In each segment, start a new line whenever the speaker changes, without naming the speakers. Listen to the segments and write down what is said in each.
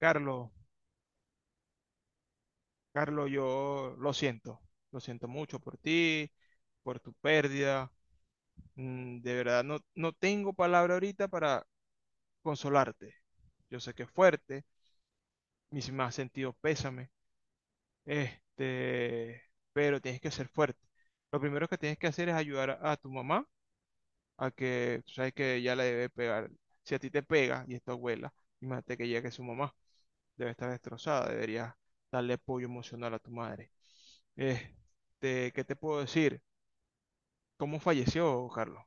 Carlos, Carlos, yo lo siento mucho por ti, por tu pérdida. De verdad, no, no tengo palabra ahorita para consolarte. Yo sé que es fuerte, mis más sentidos pésame, este, pero tienes que ser fuerte. Lo primero que tienes que hacer es ayudar a tu mamá a que, tú sabes que ya la debe pegar. Si a ti te pega y es tu abuela, imagínate que ya que su mamá debe estar destrozada, deberías darle apoyo emocional a tu madre. ¿Qué te puedo decir? ¿Cómo falleció, Carlos?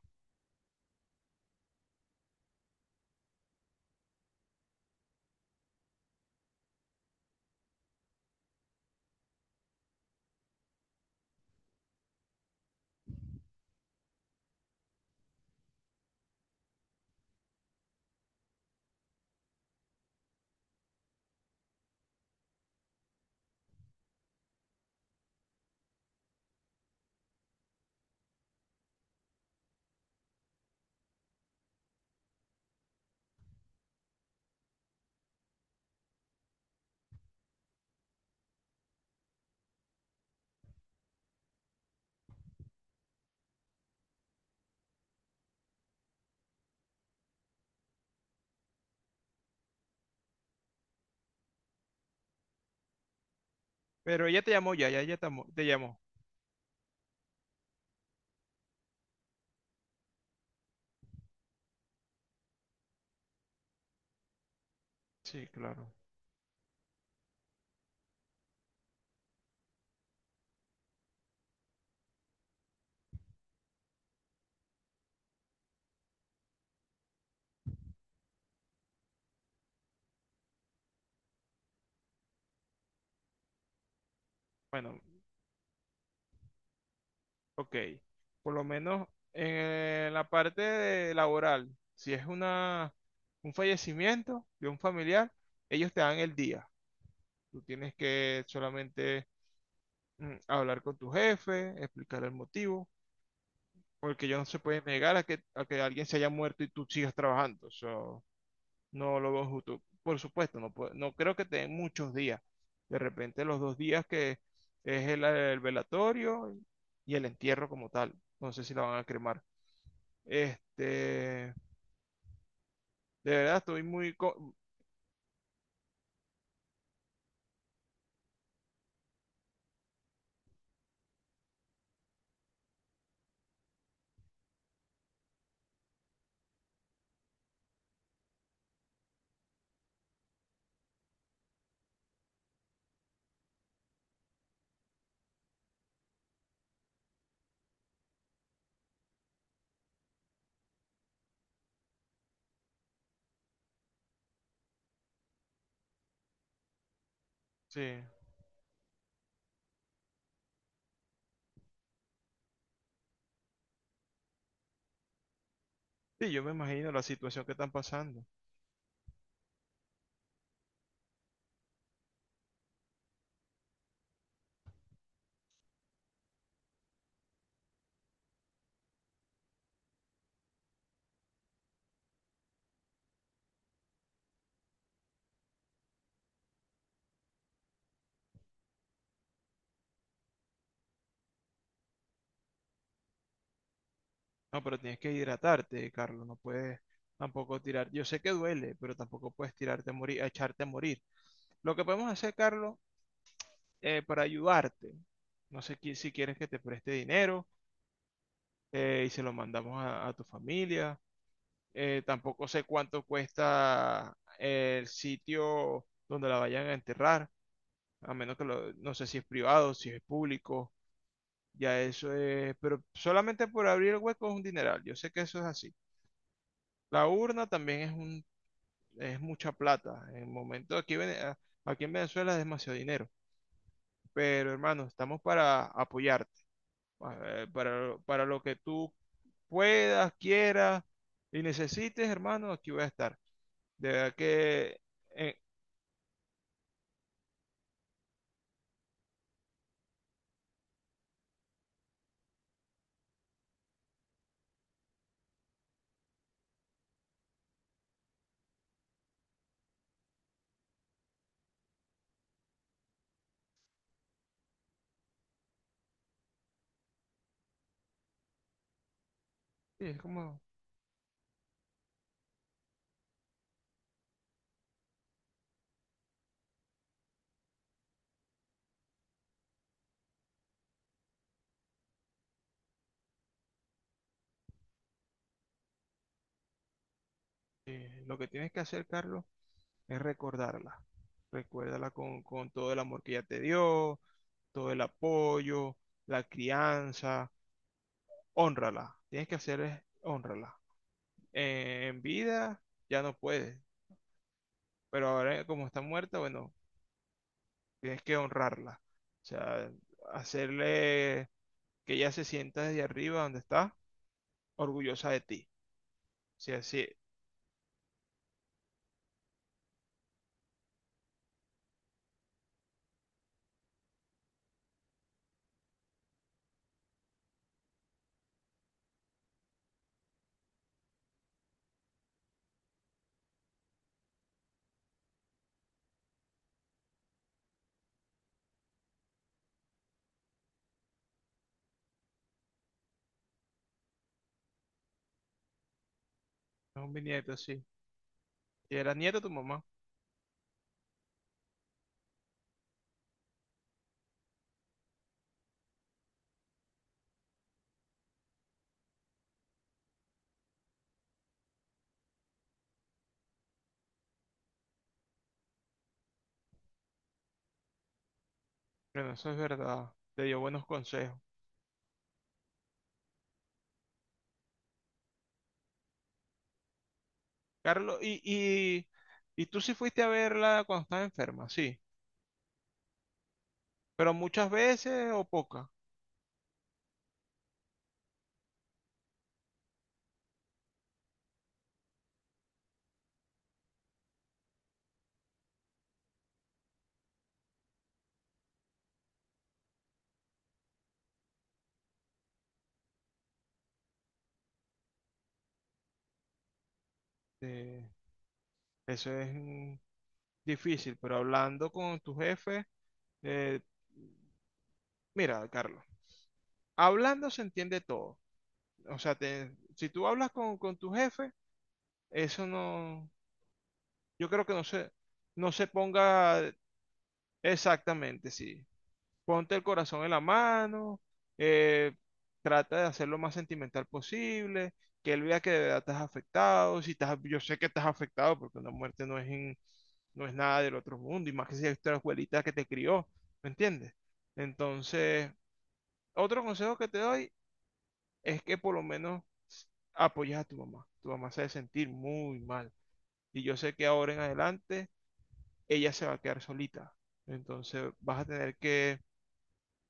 Pero ella te llamó ya, ya ella te llamó. Sí, claro. Bueno, ok. Por lo menos en la parte de laboral, si es una, un fallecimiento de un familiar, ellos te dan el día. Tú tienes que solamente hablar con tu jefe, explicar el motivo, porque ellos no se pueden negar a que alguien se haya muerto y tú sigas trabajando. Eso no lo veo justo. Por supuesto, no, no creo que te den muchos días. De repente los dos días que es el velatorio y el entierro como tal. No sé si la van a cremar. De verdad estoy muy... Sí, sí, yo me imagino la situación que están pasando. No, pero tienes que hidratarte, Carlos. No puedes tampoco tirar. Yo sé que duele, pero tampoco puedes tirarte a morir, a echarte a morir. Lo que podemos hacer, Carlos, para ayudarte, no sé si quieres que te preste dinero, y se lo mandamos a tu familia. Tampoco sé cuánto cuesta el sitio donde la vayan a enterrar, a menos que lo, no sé si es privado, si es público, ya eso es, pero solamente por abrir el hueco es un dineral, yo sé que eso es así. La urna también es un, es mucha plata, en el momento aquí, en aquí en Venezuela es demasiado dinero, pero hermano, estamos para apoyar. Para lo que tú puedas, quieras y necesites, hermano, aquí voy a estar. De verdad que eh, sí, es como lo que tienes que hacer, Carlos, es recordarla. Recuérdala con todo el amor que ella te dio, todo el apoyo, la crianza. Hónrala. Tienes que hacer es honrarla. En vida ya no puedes, pero ahora como está muerta, bueno, tienes que honrarla. O sea, hacerle que ella se sienta desde arriba donde está, orgullosa de ti. Sí, así, es un bisnieto, sí. Y era nieto de tu mamá. Bueno, eso es verdad. Te dio buenos consejos. Carlos, y tú sí fuiste a verla cuando estaba enferma, sí. Pero muchas veces o pocas. Eh, eso es difícil, pero hablando con tu jefe, eh, mira, Carlos, hablando se entiende todo. O sea, si tú hablas con tu jefe, eso no, yo creo que no se, no se ponga. Exactamente, sí. Ponte el corazón en la mano, eh, trata de hacer lo más sentimental posible, que él vea que de verdad estás afectado, si estás, yo sé que estás afectado porque una muerte no es, no es nada del otro mundo, y más que si es tu abuelita que te crió, ¿me entiendes? Entonces, otro consejo que te doy es que por lo menos apoyes a tu mamá. Tu mamá se debe sentir muy mal, y yo sé que ahora en adelante ella se va a quedar solita. Entonces, vas a tener que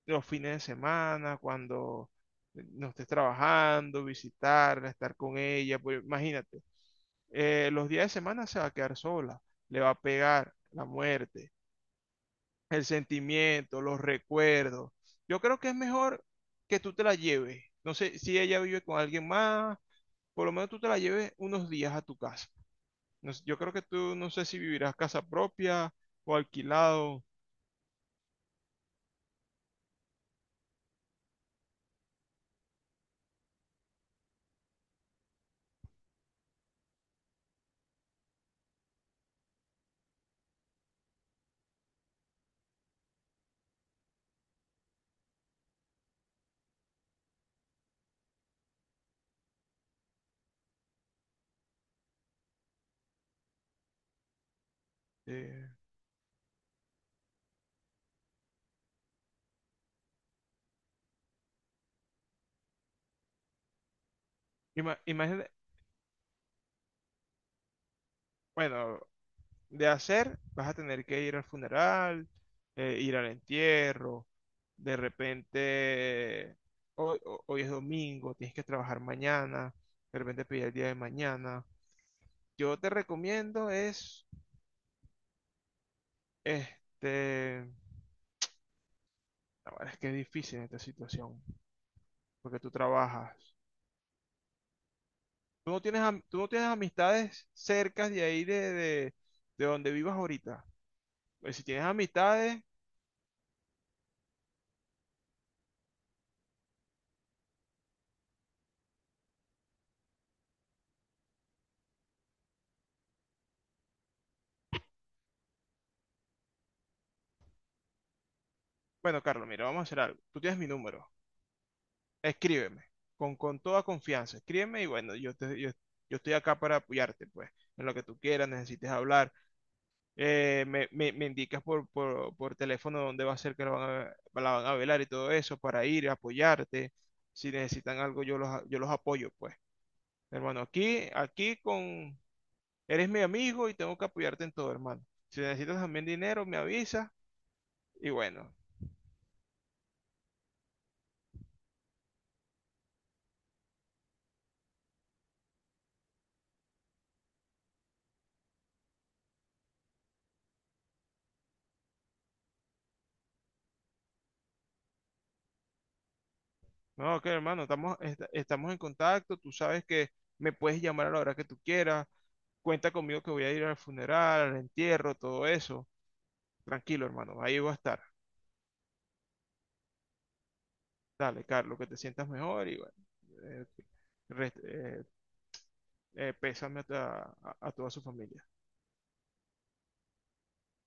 los fines de semana, cuando no estés trabajando, visitarla, estar con ella, pues imagínate, los días de semana se va a quedar sola, le va a pegar la muerte, el sentimiento, los recuerdos. Yo creo que es mejor que tú te la lleves. No sé si ella vive con alguien más, por lo menos tú te la lleves unos días a tu casa. No sé, yo creo que tú no sé si vivirás casa propia o alquilado. eh, ima- imagina- bueno, de hacer, vas a tener que ir al funeral, ir al entierro, de repente hoy, hoy es domingo, tienes que trabajar mañana, de repente pedir el día de mañana. Yo te recomiendo es, este, ahora es que es difícil en esta situación, porque tú trabajas. Tú no tienes, tú no tienes amistades cercas de ahí de donde vivas ahorita. Pues si tienes amistades, bueno, Carlos, mira, vamos a hacer algo. Tú tienes mi número. Escríbeme, con toda confianza, escríbeme y bueno, yo estoy acá para apoyarte, pues, en lo que tú quieras, necesites hablar. Me indicas por teléfono dónde va a ser que la van a velar y todo eso para ir, apoyarte. Si necesitan algo, yo los, yo los apoyo, pues. Hermano, aquí, aquí con, eres mi amigo y tengo que apoyarte en todo, hermano. Si necesitas también dinero, me avisas y bueno. No, que hermano, estamos, estamos en contacto, tú sabes que me puedes llamar a la hora que tú quieras. Cuenta conmigo que voy a ir al funeral, al entierro, todo eso. Tranquilo, hermano, ahí voy a estar. Dale, Carlos, que te sientas mejor y bueno, eh, rest- eh, pésame a, a toda su familia.